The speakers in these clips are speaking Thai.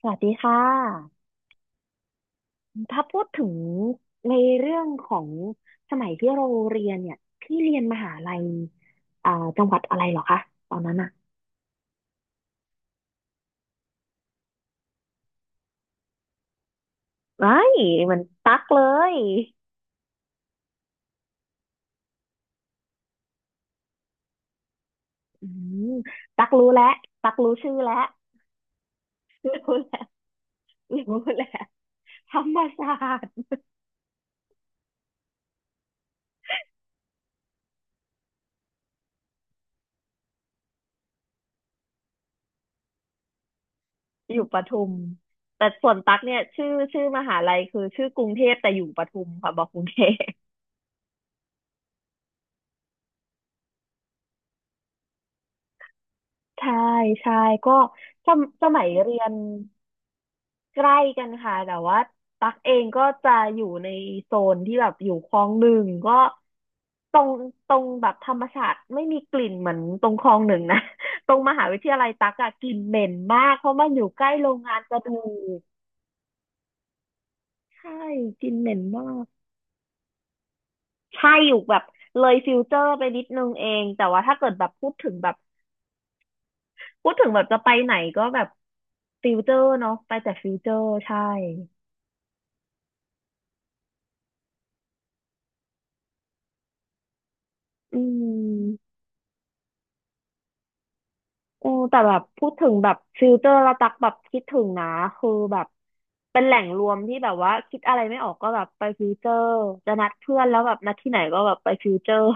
สวัสดีค่ะ ถ้าพูดถึงในเรื่องของสมัยที่เราเรียนเนี่ยพี่เรียนมหาลัยอ่าจังหวัดอะไรเหรอคะตอนนั้นอะไอ้ยเหมันตักเลยอืมตักรู้แล้วตักรู้ชื่อแล้วรู้แล้วรู้แล้วธรรมศาสตร์อยู่ปทุมแต่ส่วนตักเนี่ยชื่อมหาลัยคือชื่อกรุงเทพแต่อยู่ปทุมค่ะบอกกรุงเทพใช่ใช่ก็สมัยเรียน ใกล้กันค่ะแต่ว่าตักเองก็จะอยู่ในโซนที่แบบอยู่คลองหนึ่งก็ตรงตรงแบบธรรมชาสติ์ไม่มีกลิ่นเหมือนตรงคลองหนึ่งนะ ตรงมหาวิทยาลัยตักอะกลิ่นเหม็นมากเพราะมันอยู่ใกล้โรงงานกระดูกใช่กลิ่นเหม็นมากใช่อยู่แบบเลยฟิลเตอร์ไปนิดนึงเองแต่ว่าถ้าเกิดแบบพูดถึงแบบจะไปไหนก็แบบฟิลเตอร์เนาะไปแต่ฟิลเตอร์ใช่อืม โอแต่แบบพูดถึงแบบฟิลเตอร์ละตักแบบคิดถึงนะคือแบบเป็นแหล่งรวมที่แบบว่าคิดอะไรไม่ออกก็แบบไปฟิลเตอร์จะนัดเพื่อนแล้วแบบนัดที่ไหนก็แบบไปฟิลเตอร์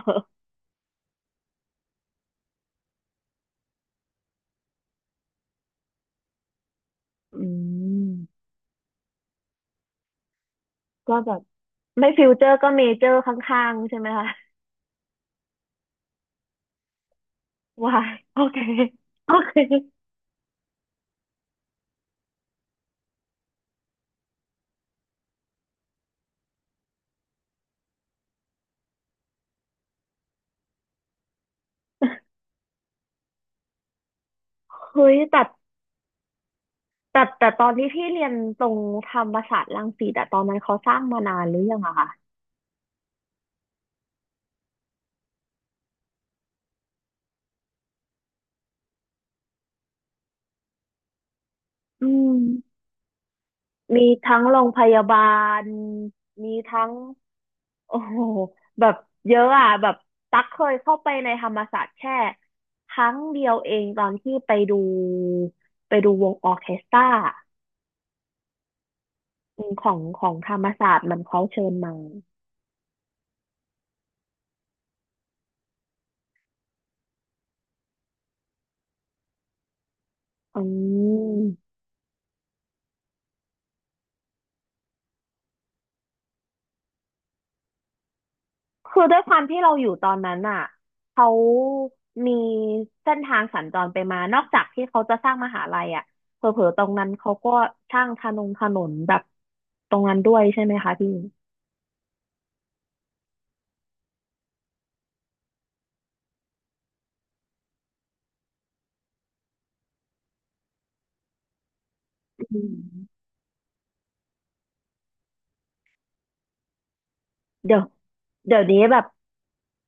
อืมก็แบบไม่ฟิลเตอร์ก็เมเจอร์ข้างๆใช่ไหมคะว้ายโอเคโอเค เฮ้ยแต่ตอนที่พี่เรียนตรงธรรมศาสตร์รังสิตอะตอนนั้นเขาสร้างมานานหรือยังอะคะอืมมีทั้งโรงพยาบาลมีทั้ง โอ้โหแบบเยอะอ่ะแบบตั๊กเคยเข้าไปในธรรมศาสตร์แค่ครั้งเดียวเองตอนที่ไปดูวงออร์เคสตราอืมของธรรมศาสตร์มันเขาเชิญมาอืมคือด้วยความที่เราอยู่ตอนนั้นอ่ะเขามีเส้นทางสัญจรไปมานอกจากที่เขาจะสร้างมหาลัยอ่ะเผลอๆตรงนั้นเขาก็สร้างถนนแบบตรงนั้นด้วยใช่ไหมคะพี่อืม เดี๋ยวเดี๋ยวนี้แบบ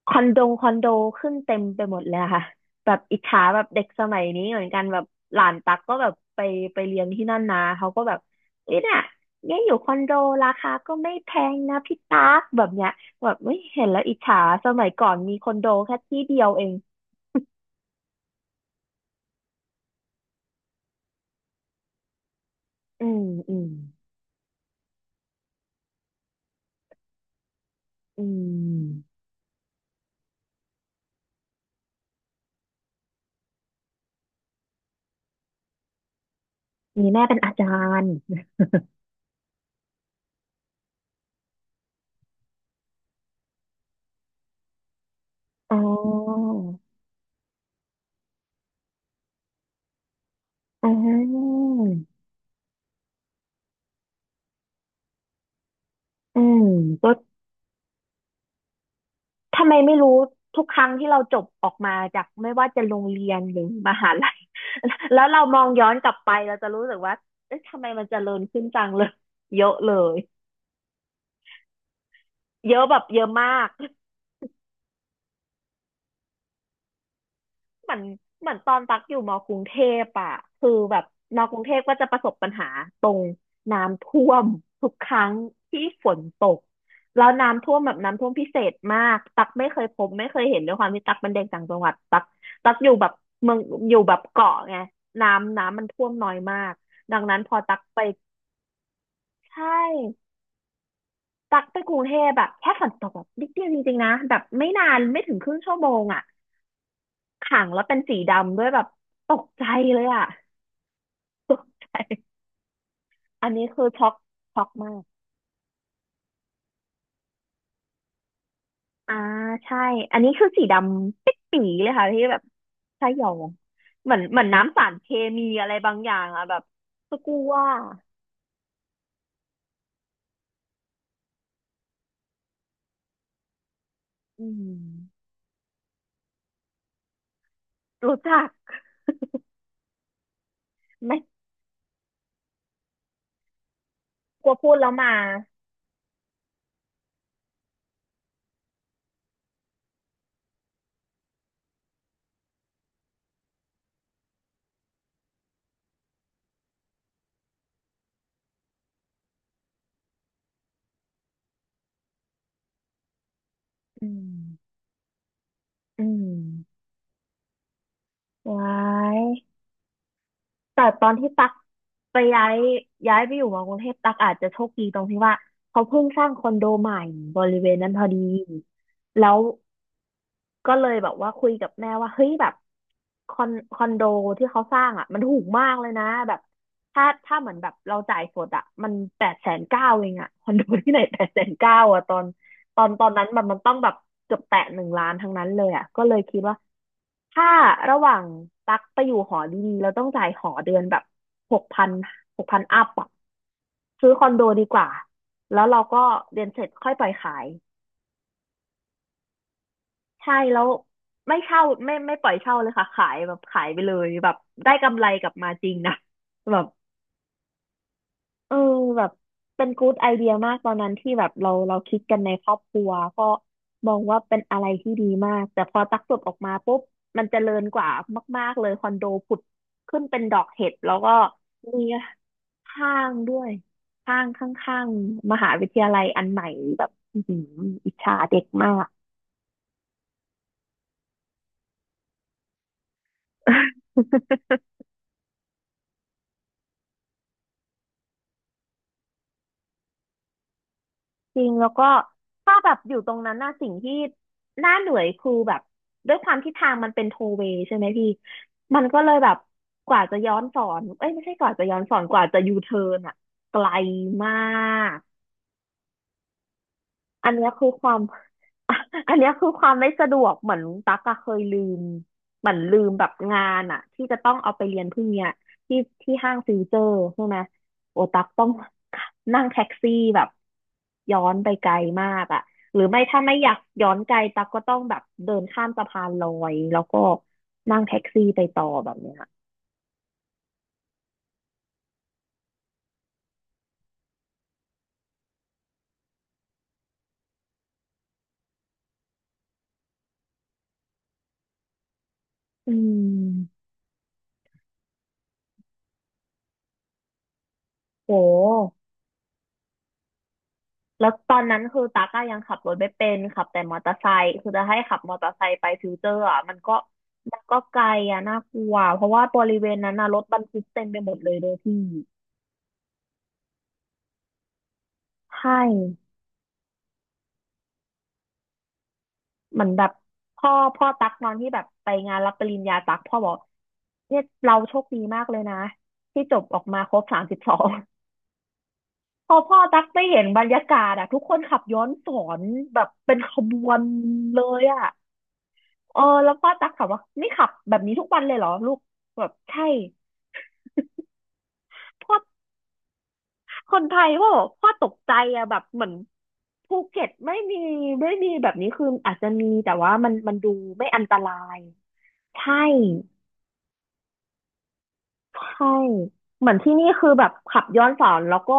คอนโดขึ้นเต็มไปหมดเลยอะค่ะแบบอิจฉาแบบเด็กสมัยนี้เหมือนกันแบบหลานตักก็แบบไปเรียนที่นั่นนะเขาก็แบบเอ้ยน่ะเนี่ยอยู่คอนโดราคาก็ไม่แพงนะพี่ตักแบบเนี้ยแบบไม่เห็นแล้วอิจฉาสมัยก่อนมีคอนโดแค่ที่เดียวเองอืมอืมอืมมีแม่เป็นอาจารย์อ๋ออ๋ออืมก็ ทำไมไม่รู้ทุกครั้งที่เราจบออกมาจากไม่ว่าจะโรงเรียนหรือมหาลัย แล้วเรามองย้อนกลับไปเราจะรู้สึกว่าเอ๊ะทำไมมันเจริญขึ้นจังเลย เยอะเลยเยอะแบบเยอะมาก เหมือนเหมือนตอนตักอยู่มกรุงเทพอ่ะคือแบบมกรุงเทพก็จะประสบปัญหา น้ำท่วมทุกครั้งที่ฝนตกแล้วน้ำท่วมแบบน้ำท่วมพิเศษมากตักไม่เคยพบไม่เคยเห็นด้วยความที่ตักเป็นเด็กต่างจังหวัดตักอยู่แบบเมืองอยู่แบบเกาะไงน้ำมันท่วมน้อยมากดังนั้นพอตักไปใช่ตักไปกรุงเทพแบบแค่ฝนตกแบบนิดเดียวจริงๆนะแบบไม่นานไม่ถึงครึ่งชั่วโมงอ่ะขังแล้วเป็นสีดำด้วยแบบตกใจเลยอ่ะ ตกใจอันนี้คือช็อกมาก อ่าใช่อันนี้คือสีดำเปิ๊ดปีเลยค่ะที่แบบใช่ยองเหมือนน้ำสารเคมีอะไรบางอย่างอะแบบสกูว่าอืมรู้จักไม่กลัวพูดแล้วมาอืมอืมว้ายแต่ตอนที่ตักไปย้ายไปอยู่มากรุงเทพตักอาจจะโชคดีตรงที่ว่าเขาเพิ่งสร้างคอนโดใหม่บริเวณนั้นพอดีแล้ว ก็เลยแบบว่าคุยกับแม่ว่าเฮ้ยแบบคอนโดที่เขาสร้างอ่ะมันถูกมากเลยนะแบบถ้าเหมือนแบบเราจ่ายสดอ่ะมันแปดแสนเก้าเองอ่ะคอนโดที่ไหนแปดแสนเก้าอ่ะตอนนั้นแบบมันต้องแบบเกือบแตะ1,000,000ทั้งนั้นเลยอ่ะก็เลยคิดว่าถ้าระหว่างตักไปอยู่หอดีๆเราต้องจ่ายหอเดือนแบบหกพันหกพันอัพอ่ะซื้อคอนโดดีกว่าแล้วเราก็เรียนเสร็จค่อยปล่อยขาย ใช่แล้วไม่เช่าไม่ปล่อยเช่าเลยค่ะขายแบบขายไปเลยแบบได้กำไรกลับมาจริงนะ แบบเออแบบเป็นกูดไอเดียมากตอนนั้นที่แบบเราคิดกันในครอบครัวก็มองว่าเป็นอะไรที่ดีมากแต่พอตักจบออกมาปุ๊บมันเจริญกว่ามากๆเลยคอนโดผุดขึ้นเป็นดอกเห็ดแล้วก็มีห้างด้วยห้างข้างๆมหาวิทยาลัยอันใหม่แบบอื้อหืออิจฉาเด็กมาก จริงแล้วก็ถ้าแบบอยู่ตรงนั้นน่ะสิ่งที่น่าเหนื่อยคือแบบด้วยความที่ทางมันเป็นโทเวย์ใช่ไหมพี่มันก็เลยแบบกว่าจะย้อนสอนเอ้ยไม่ใช่กว่าจะย้อนสอนกว่าจะยูเทิร์นอ่ะไกลมาก อันเนี้ยคือความ อันเนี้ยคือความไม่สะดวกเหมือนตั๊กอะเคยลืมเหมือนลืมแบบงานอะที่จะต้องเอาไปเรียนพรุ่งเนี้ยที่ที่ห้างฟิวเจอร์ใช่ไหมโอตั๊กต้อง นั่งแท็กซี่แบบย้อนไปไกลมากอะหรือไม่ถ้าไม่อยากย้อนไกลตั๊กก็ต้องแบบเดินข้ามสะพานลอยแล้วก็นั่งแท็กซี่ไปต่อแบบเนี้ยอืมโห แล้วตอนนั้นคือตาก้ายังขับรถไม่เป็นขับแต่มอเตอร์ไซค์คือจะให้ขับมอเตอร์ไซค์ไปฟิวเจอร์อ่ะมันก็ไกลอ่ะน่ากลัวเพราะว่าบริเวณนั้นนะรถบรรทุกเต็มไปหมดเลยพี่ใช่เหมือนแบบพ่อตักนอนที่แบบไปงานรับปริญญาตักพ่อบอกเนี่ยเราโชคดีมากเลยนะที่จบออกมาครบ32พอพ่อตักไปเห็นบรรยากาศอ่ะทุกคนขับย้อนสอนแบบเป็นขบวนเลยอ่ะ เออแล้วพ่อตั๊กถามว่านี่ขับแบบนี้ทุกวันเลยเหรอลูกแบบใช่พ่อคนไทยพ่อบอกพ่อตกใจอะแบบเหมือนภูเก็ตไม่มีไม่มีแบบนี้คืออาจจะมีแต่ว่ามันดูไม่อันตรายใช่ใช่เหมือนที่นี่คือแบบขับย้อนสอนแล้วก็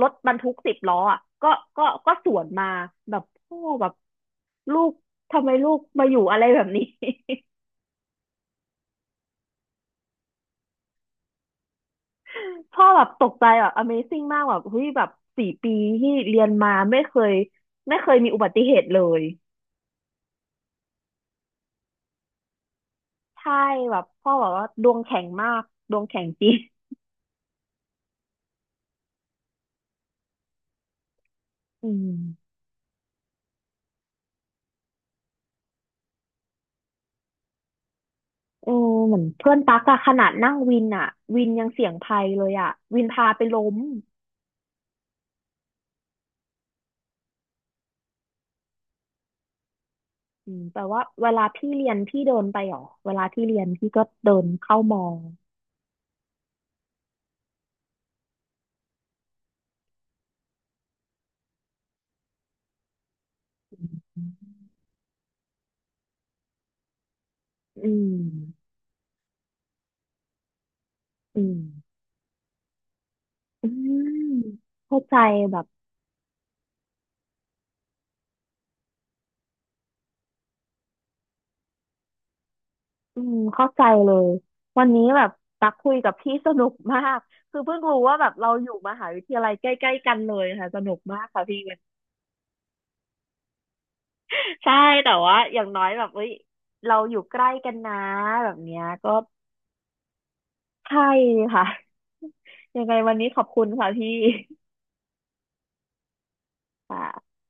รถบรรทุก10 ล้ออ่ะก็สวนมาแบบพ่อแบบลูกทำไมลูกมาอยู่อะไรแบบนี้ พ่อแบบตกใจแบบ Amazing มากแบบเฮ้ยแบบ4 ปีที่เรียนมาไม่เคยมีอุบัติเหตุเลยใช่แบบพ่อบอกว่าดวงแข็งมากดวงแข็งจริงอืมเออเหมือนเพื่อนตักอะขนาดนั่งวินอะวินยังเสี่ยงภัยเลยอะวินพาไปล้มอืมแต่ว่าเวลาพี่เรียนพี่เดินไปหรอเวลาพี่เรียนพี่ก็เดินเข้ามองอืมอืมอืมเข้าใจแบบ อืมเข้าใจเลยวันนี้แบบตักคุยกับพี่สนุกมากคือเพิ่งรู้ว่าแบบเราอยู่มหาวิทยาลัยใกล้ๆกันเลยค่ะสนุกมากค่ะพี่ ใช่แต่ว่าอย่างน้อยแบบเอ้ยเราอยู่ใกล้กันนะแบบเนี้ยก็ใช่ค่ะ ยังไงวันนี้ขอบคุณค่ะพี่ค่ะ